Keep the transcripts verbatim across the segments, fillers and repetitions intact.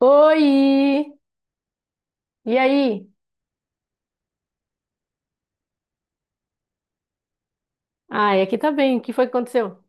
Oi! E aí? Ai, aqui tá bem. O que foi que aconteceu?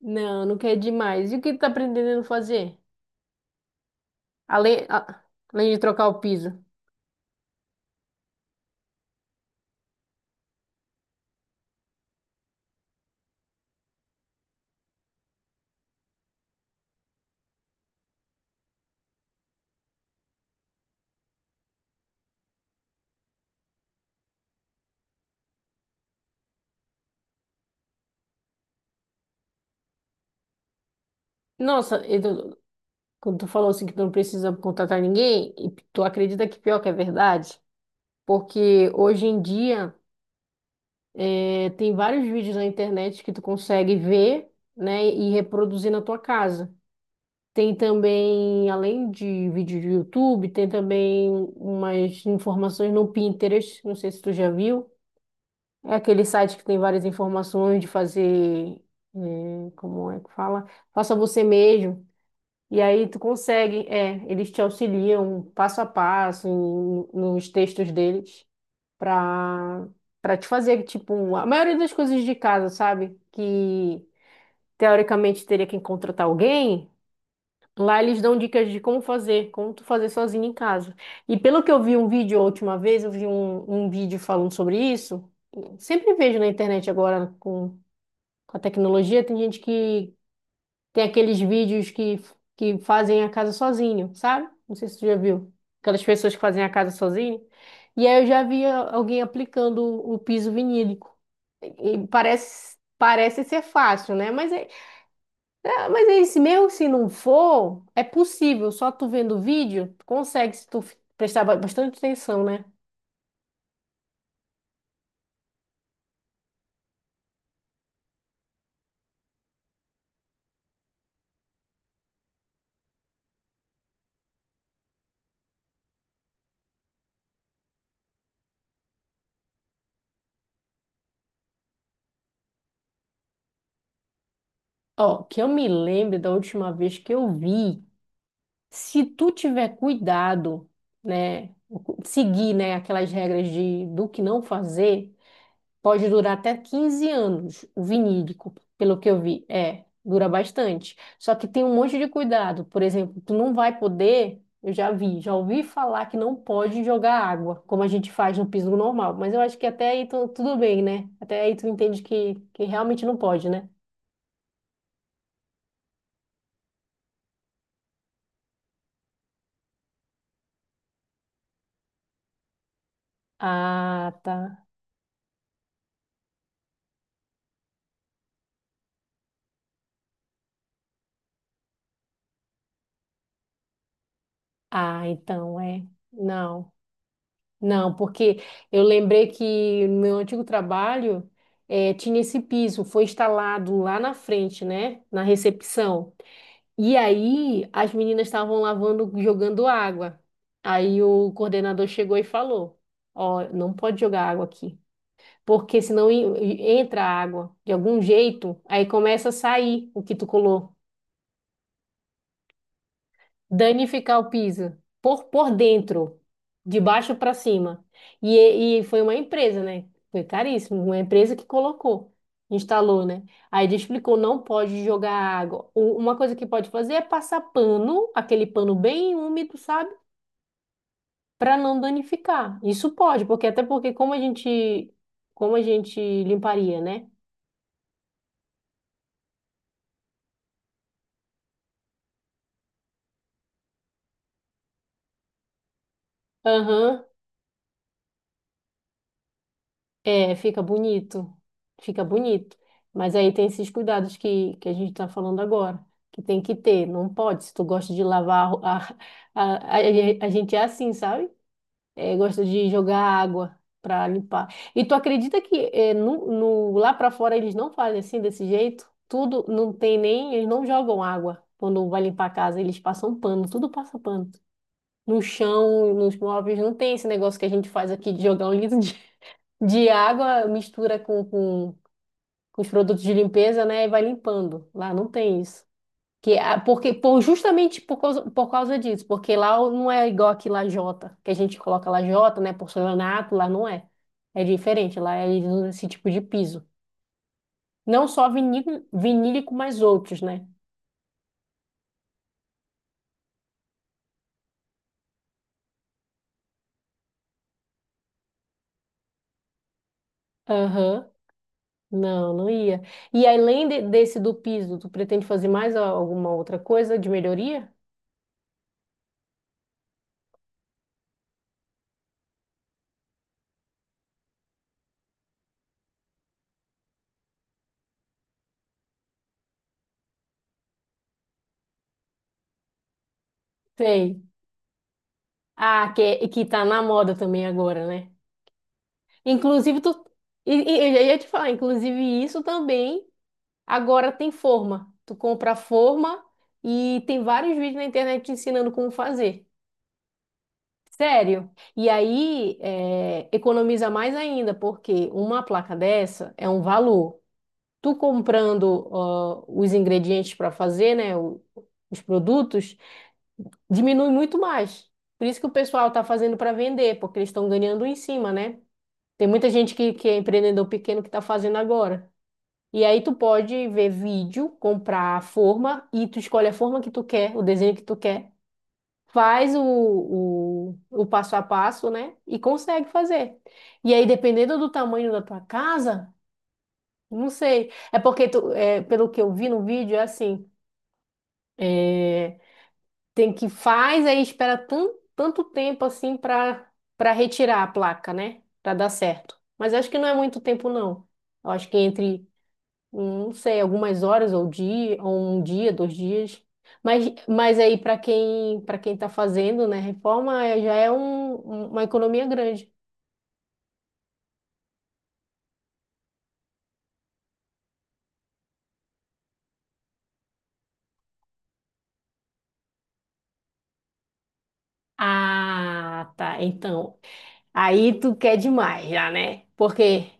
Não, não quer demais. E o que tu tá aprendendo a fazer? Além, a- além de trocar o piso. Nossa, e tu- quando tu falou assim que tu não precisa contratar ninguém, e tu acredita que pior que é verdade? Porque hoje em dia é, tem vários vídeos na internet que tu consegue ver, né, e reproduzir na tua casa. Tem também, além de vídeo do YouTube, tem também umas informações no Pinterest, não sei se tu já viu. É aquele site que tem várias informações de fazer, eh, como é que fala? Faça você mesmo. E aí tu consegue, é, eles te auxiliam passo a passo em- nos textos deles para para te fazer, tipo, a maioria das coisas de casa, sabe? Que teoricamente teria que contratar alguém. Lá eles dão dicas de como fazer, como tu fazer sozinho em casa. E pelo que eu vi um vídeo a última vez, eu vi um, um vídeo falando sobre isso. Sempre vejo na internet agora com, com a tecnologia, tem gente que tem aqueles vídeos que, que fazem a casa sozinho, sabe? Não sei se tu já viu. Aquelas pessoas que fazem a casa sozinho. E aí eu já vi a- alguém aplicando o, o piso vinílico. E parece, parece ser fácil, né? Mas é é, mas aí, se mesmo se não for, é possível, só tu vendo o vídeo, tu consegue, se tu fi- prestar ba- bastante atenção, né? Ó, que eu me lembre da última vez que eu vi, se tu tiver cuidado, né, seguir, né, aquelas regras de, do que não fazer, pode durar até quinze anos, o vinílico, pelo que eu vi. É, dura bastante. Só que tem um monte de cuidado. Por exemplo, tu não vai poder, eu já vi, já ouvi falar que não pode jogar água, como a gente faz no piso normal. Mas eu acho que até aí tu- tudo bem, né? Até aí tu entende que, que realmente não pode, né? Ah, tá. Ah, então é. Não. Não, porque eu lembrei que no meu antigo trabalho eh, tinha esse piso, foi instalado lá na frente, né? Na recepção. E aí as meninas estavam lavando, jogando água. Aí o coordenador chegou e falou: Ó, não pode jogar água aqui, porque senão en- entra água de algum jeito, aí começa a sair o que tu colou. Danificar o piso por, por dentro, de baixo para cima. E, e foi uma empresa, né? Foi caríssimo, uma empresa que colocou, instalou, né? Aí ele explicou, não pode jogar água. U- Uma coisa que pode fazer é passar pano, aquele pano bem úmido, sabe? Para não danificar. Isso pode, porque até porque como a gente como a gente limparia, né? Aham. É, fica bonito, fica bonito. Mas aí tem esses cuidados que, que a gente está falando agora, que tem que ter. Não pode, se tu gosta de lavar, a, ro- a, a, a- a gente é assim, sabe? É, gosta de jogar água para limpar. E tu acredita que é, no, no- lá para fora eles não fazem assim, desse jeito? Tudo, não tem nem, eles não jogam água quando vai limpar a casa, eles passam pano, tudo passa pano. No chão, nos móveis, não tem esse negócio que a gente faz aqui de jogar um litro de de água, mistura com, com, com os produtos de limpeza, né? E vai limpando. Lá não tem isso. Que, a- porque, por, justamente por causa, por causa disso, porque lá o- não é igual aqui lajota, que a gente coloca lajota, né? Porcelanato, lá não é. É diferente, lá eles usam esse tipo de piso. Não só vinílico, vinílico, mas outros, né? Aham. Não, não ia. E além de- desse do piso, tu pretende fazer mais a- alguma outra coisa de melhoria? Sei. Ah, que, que tá na moda também agora, né? Inclusive, tu. E, e eu já ia te falar, inclusive, isso também agora tem forma. Tu compra a forma e tem vários vídeos na internet te ensinando como fazer. Sério. E aí, é, economiza mais ainda, porque uma placa dessa é um valor. Tu comprando, ó, os ingredientes para fazer, né? o- os produtos, diminui muito mais. Por isso que o pessoal tá fazendo para vender, porque eles estão ganhando em cima, né? Tem muita gente que, que é empreendedor pequeno que está fazendo agora. E aí tu pode ver vídeo, comprar a forma e tu escolhe a forma que tu quer, o desenho que tu quer. Faz o, o, o passo a passo, né? E consegue fazer. E aí, dependendo do tamanho da tua casa, não sei. É porque, tu, é, pelo que eu vi no vídeo, é assim. é, Tem que faz, aí espera tanto, tanto tempo assim para para retirar a placa, né? Para dar certo. Mas acho que não é muito tempo, não. Eu acho que entre, hum, não sei, algumas horas ou dia, ou um dia, dois dias. Mas, mas aí para quem para quem está fazendo, né, reforma é- já é um- um- uma economia grande. Ah, tá. Então, aí tu quer demais já, né? Por quê?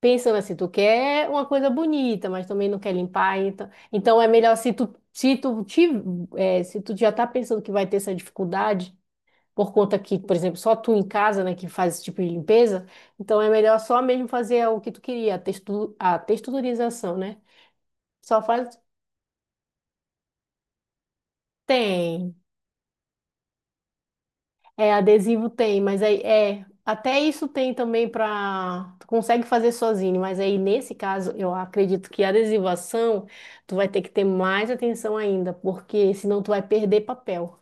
Pensando assim, tu quer uma coisa bonita, mas também não quer limpar, então, então, é melhor se tu, se tu, te, eh, se tu já tá pensando que vai ter essa dificuldade, por conta que, por exemplo, só tu em casa, né, que faz esse tipo de limpeza, então é melhor só mesmo fazer o que tu queria, a, textu, a texturização, né? Só faz. Tem, é, adesivo tem, mas aí é, até isso tem também para tu consegue fazer sozinho, mas aí nesse caso eu acredito que a adesivação tu vai ter que ter mais atenção ainda, porque senão tu vai perder papel.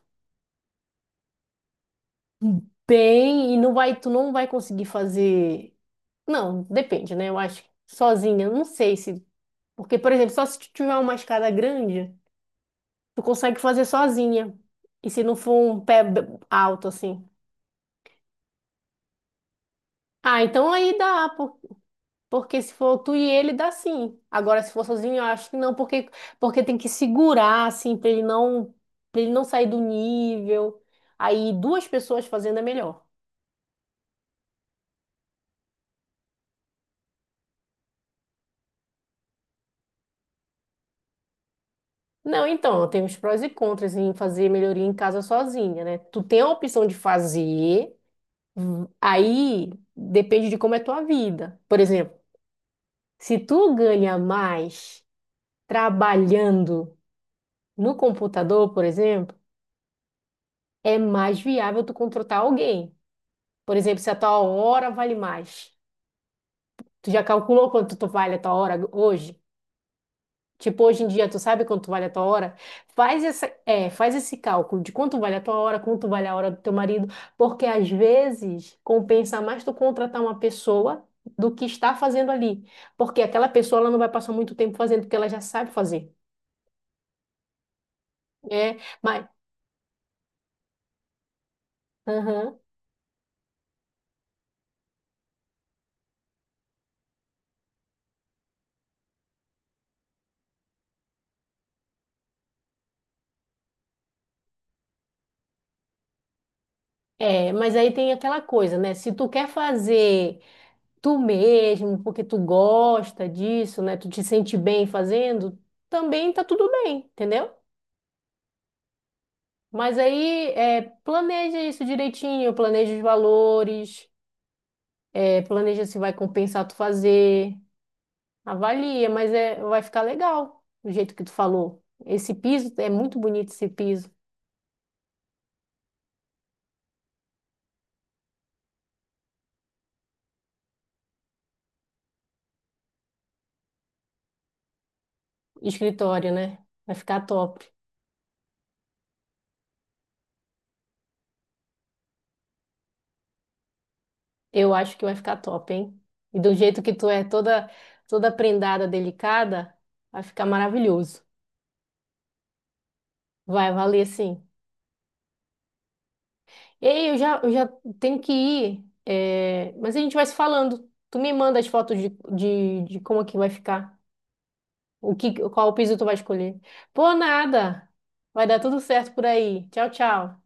Bem, e não vai, tu não vai conseguir fazer. Não, depende, né? Eu acho que sozinha, não sei se, porque por exemplo, só se tu tiver uma escada grande, tu consegue fazer sozinha. E se não for um pé b- alto assim. Ah, então aí dá, porque se for tu e ele, dá sim. Agora, se for sozinho, eu acho que não, porque, porque tem que segurar, assim, pra ele não, pra ele não sair do nível. Aí, duas pessoas fazendo é melhor. Não, então, tem os prós e contras em fazer melhoria em casa sozinha, né? Tu tem a opção de fazer, hum, aí depende de como é tua vida. Por exemplo, se tu ganha mais trabalhando no computador, por exemplo, é mais viável tu contratar alguém. Por exemplo, se a tua hora vale mais. Tu já calculou quanto tu vale a tua hora hoje? Tipo, hoje em dia, tu sabe quanto vale a tua hora? Faz essa, é, faz esse cálculo de quanto vale a tua hora, quanto vale a hora do teu marido, porque às vezes compensa mais tu contratar uma pessoa do que está fazendo ali. Porque aquela pessoa, ela não vai passar muito tempo fazendo, porque ela já sabe fazer. É, mas, aham. É, mas aí tem aquela coisa, né? Se tu quer fazer tu mesmo, porque tu gosta disso, né? Tu te sente bem fazendo, também tá tudo bem, entendeu? Mas aí é, planeja isso direitinho, planeja os valores, é, planeja se vai compensar tu fazer, avalia, mas é, vai ficar legal do jeito que tu falou. Esse piso é muito bonito esse piso, escritório, né? Vai ficar top. Eu acho que vai ficar top, hein? E do jeito que tu é toda toda prendada, delicada, vai ficar maravilhoso. Vai valer sim. Ei, eu já, eu já tenho que ir, é, mas a gente vai se falando. Tu me manda as fotos de, de, de como é que vai ficar, o que, qual piso tu vai escolher. Por nada, vai dar tudo certo por aí. Tchau, tchau.